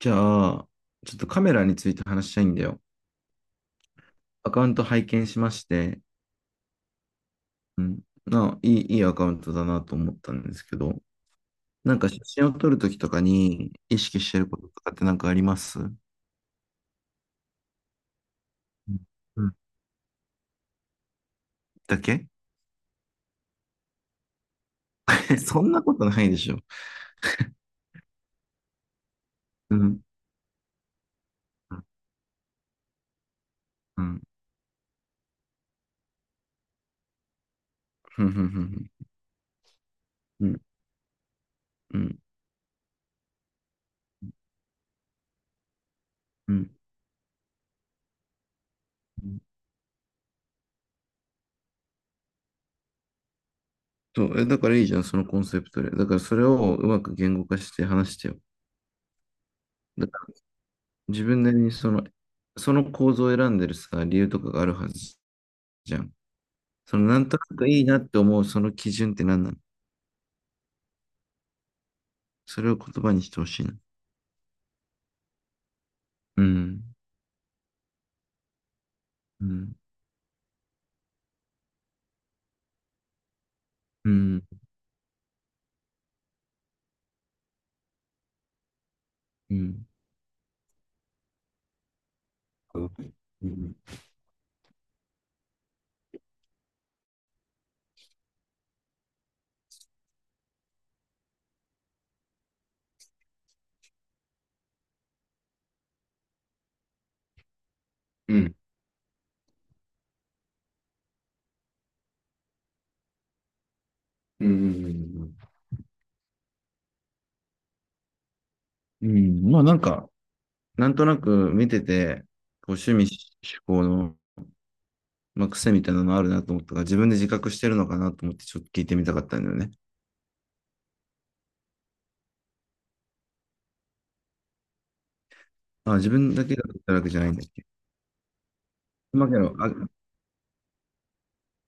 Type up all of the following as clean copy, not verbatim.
じゃあ、ちょっとカメラについて話したいんだよ。アカウント拝見しまして、うん、な、いい、いいアカウントだなと思ったんですけど、なんか写真を撮るときとかに意識してることとかってなんかあります？うん。うんだけ。 そんなことないでしょ。うん。うん。うん。うん。うん。うん。うんうん。そう、え、だからいいじゃん、そのコンセプトで。だからそれをうまく言語化して話してよ。だから自分なりにその構造を選んでるさ、理由とかがあるはずじゃん。そのなんとなくいいなって思うその基準って何なの？それを言葉にしてほしいな。うん。うん。うん。うん。うん。うん。うん。うん。まあなんか、なんとなく見てて、こう趣味嗜好の、まあ、癖みたいなのあるなと思ったから、自分で自覚してるのかなと思ってちょっと聞いてみたかったんだよね。あ、自分だけが撮ったわけじゃないんだっけ。まあけど、あ、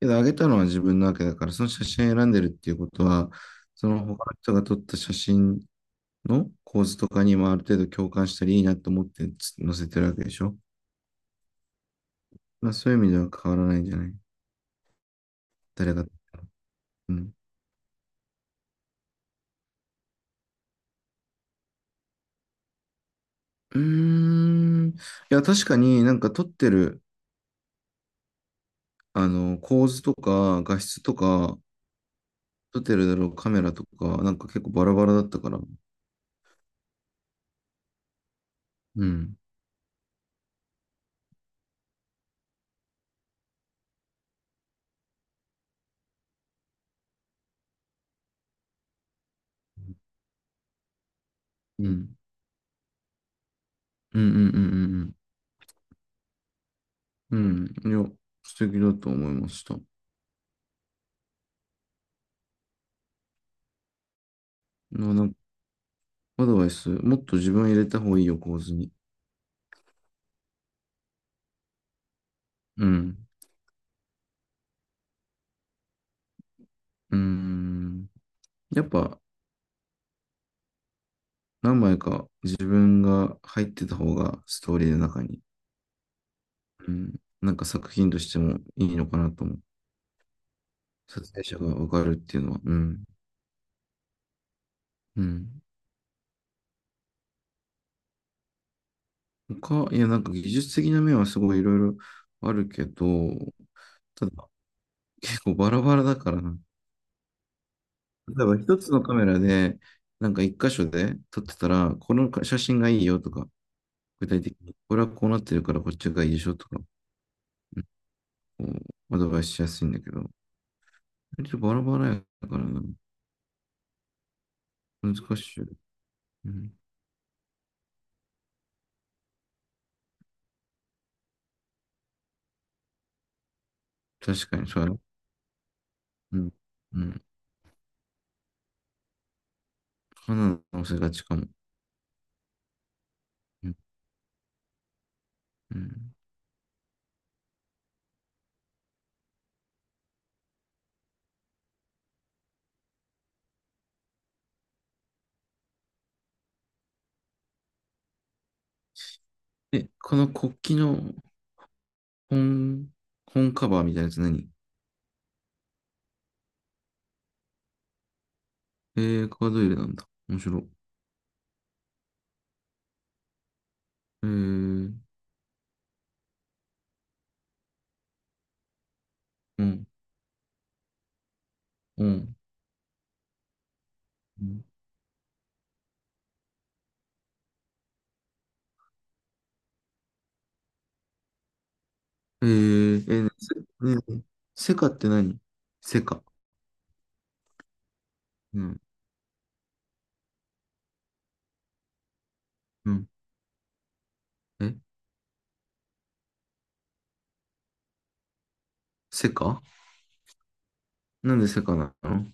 けどあげたのは自分なわけだから、その写真選んでるっていうことは、その他の人が撮った写真の構図とかにもある程度共感したりいいなと思って載せてるわけでしょ。まあ、そういう意味では変わらないんじゃない？誰が。うん。うーん。いや、確かになんか撮ってる、あの、構図とか画質とか、撮ってるだろうカメラとか、なんか結構バラバラだったから。うん。うん。うんうんうんうんうん。うん。いや、素敵だと思いました。なんかアドバイス、もっと自分を入れた方がいいよ、構図に。うん。うーん。やっぱ、何枚か自分が入ってた方がストーリーの中に、うん、なんか作品としてもいいのかなと思う。撮影者がわかるっていうのは。うん。うん。他、いや、なんか技術的な面はすごいいろいろあるけど、ただ結構バラバラだからな。例えば一つのカメラで、なんか一箇所で撮ってたら、この写真がいいよとか、具体的に、これはこうなってるからこっちがいいでしょとか、うん、こうアドバイスしやすいんだけど、割とバラバラやからな。難しい。うん、確かにそうだね。うん。うん。花の乗せがちかも。うん。うん、え、この国旗の本、本カバーみたいなやつ何？えカード入れなんだ。面白い。えー、うん、うん。うん。えー、えー、ねせねセカって何？セカ。うん、うん。え、セカ。なんでセカなの？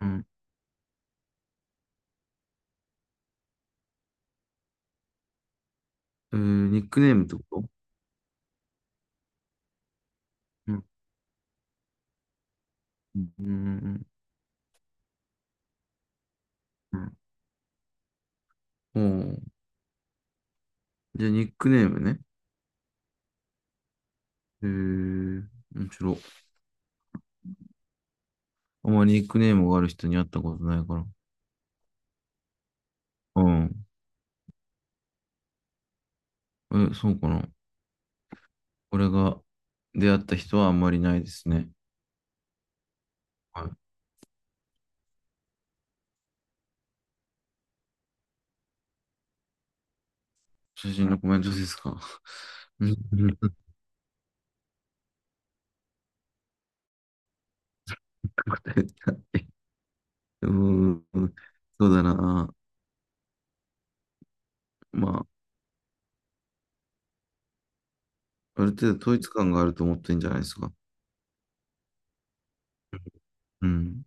うん。ニックネームってこと？うん、うん、うん、うん。うん。おー、じゃあ、ニックネームね。へえ、面白い。あまりニックネームがある人に会ったことないから。うん。え、そうかな。俺が出会った人はあんまりないですね。はい。写真のコメントですか。うん。答えた。うーん。そうだな。まあ、ある程度統一感があると思ってんじゃないですか。うん。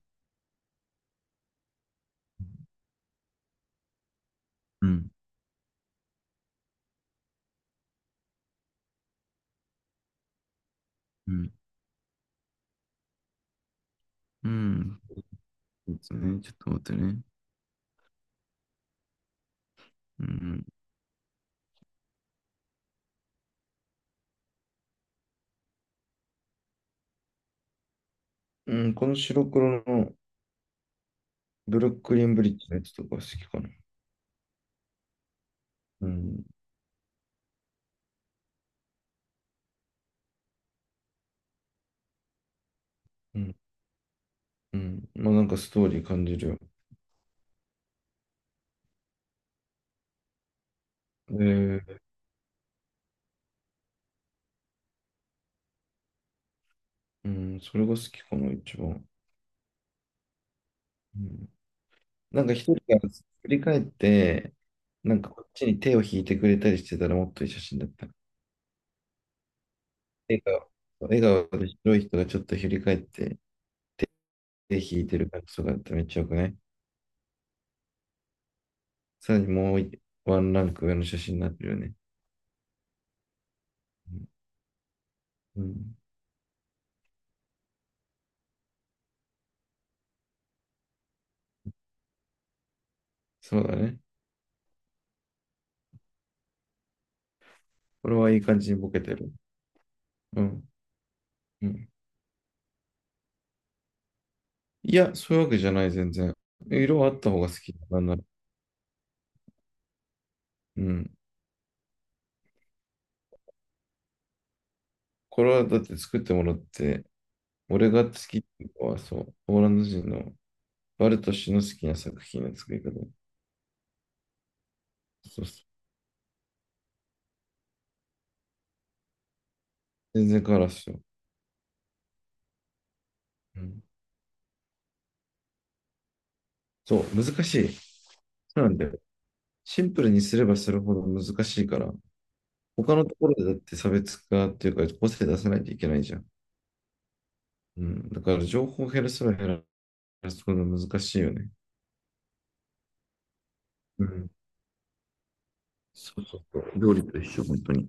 うん。うん。うん。そうですね。ちょっと待ってね。うん。うん、この白黒のブルックリンブリッジのやつとか好きかな。うん。うんうん。まあなんかストーリー感じるよ。で、うん、それが好きかな、一番。うん。なんか一人が振り返って、なんかこっちに手を引いてくれたりしてたらもっといい写真だった。笑顔、笑顔で白い人がちょっと振り返って手引いてる感じとかだったらめっちゃよくない？さらにもうワンランク上の写真になってるよね。うん。うん。そうだね。これはいい感じにボケてる。うん。うん。いや、そういうわけじゃない、全然。色はあった方が好きだなんなら。うん。これはだって作ってもらって、俺が好きっていうのは、そう、ポーランド人のバルト氏の好きな作品の作り方。そうそう。全然変わらすよ。うん。そう、難しい。そうなんだよ。シンプルにすればするほど難しいから、他のところでだって差別化っていうか、個性出さないといけないじゃん。うん。だから情報を減らせば減らすほど難しいよね。うん。そうそうそう。料理と一緒、本当に。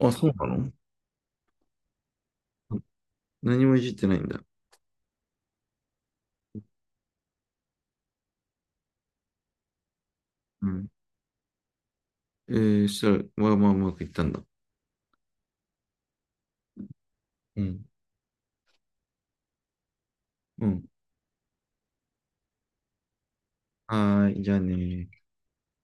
あ、そうなの？何もいじってないんだ。うん。えそしたら、まあまあうまくいったんだ。うん。うん。はーい、じゃあねー。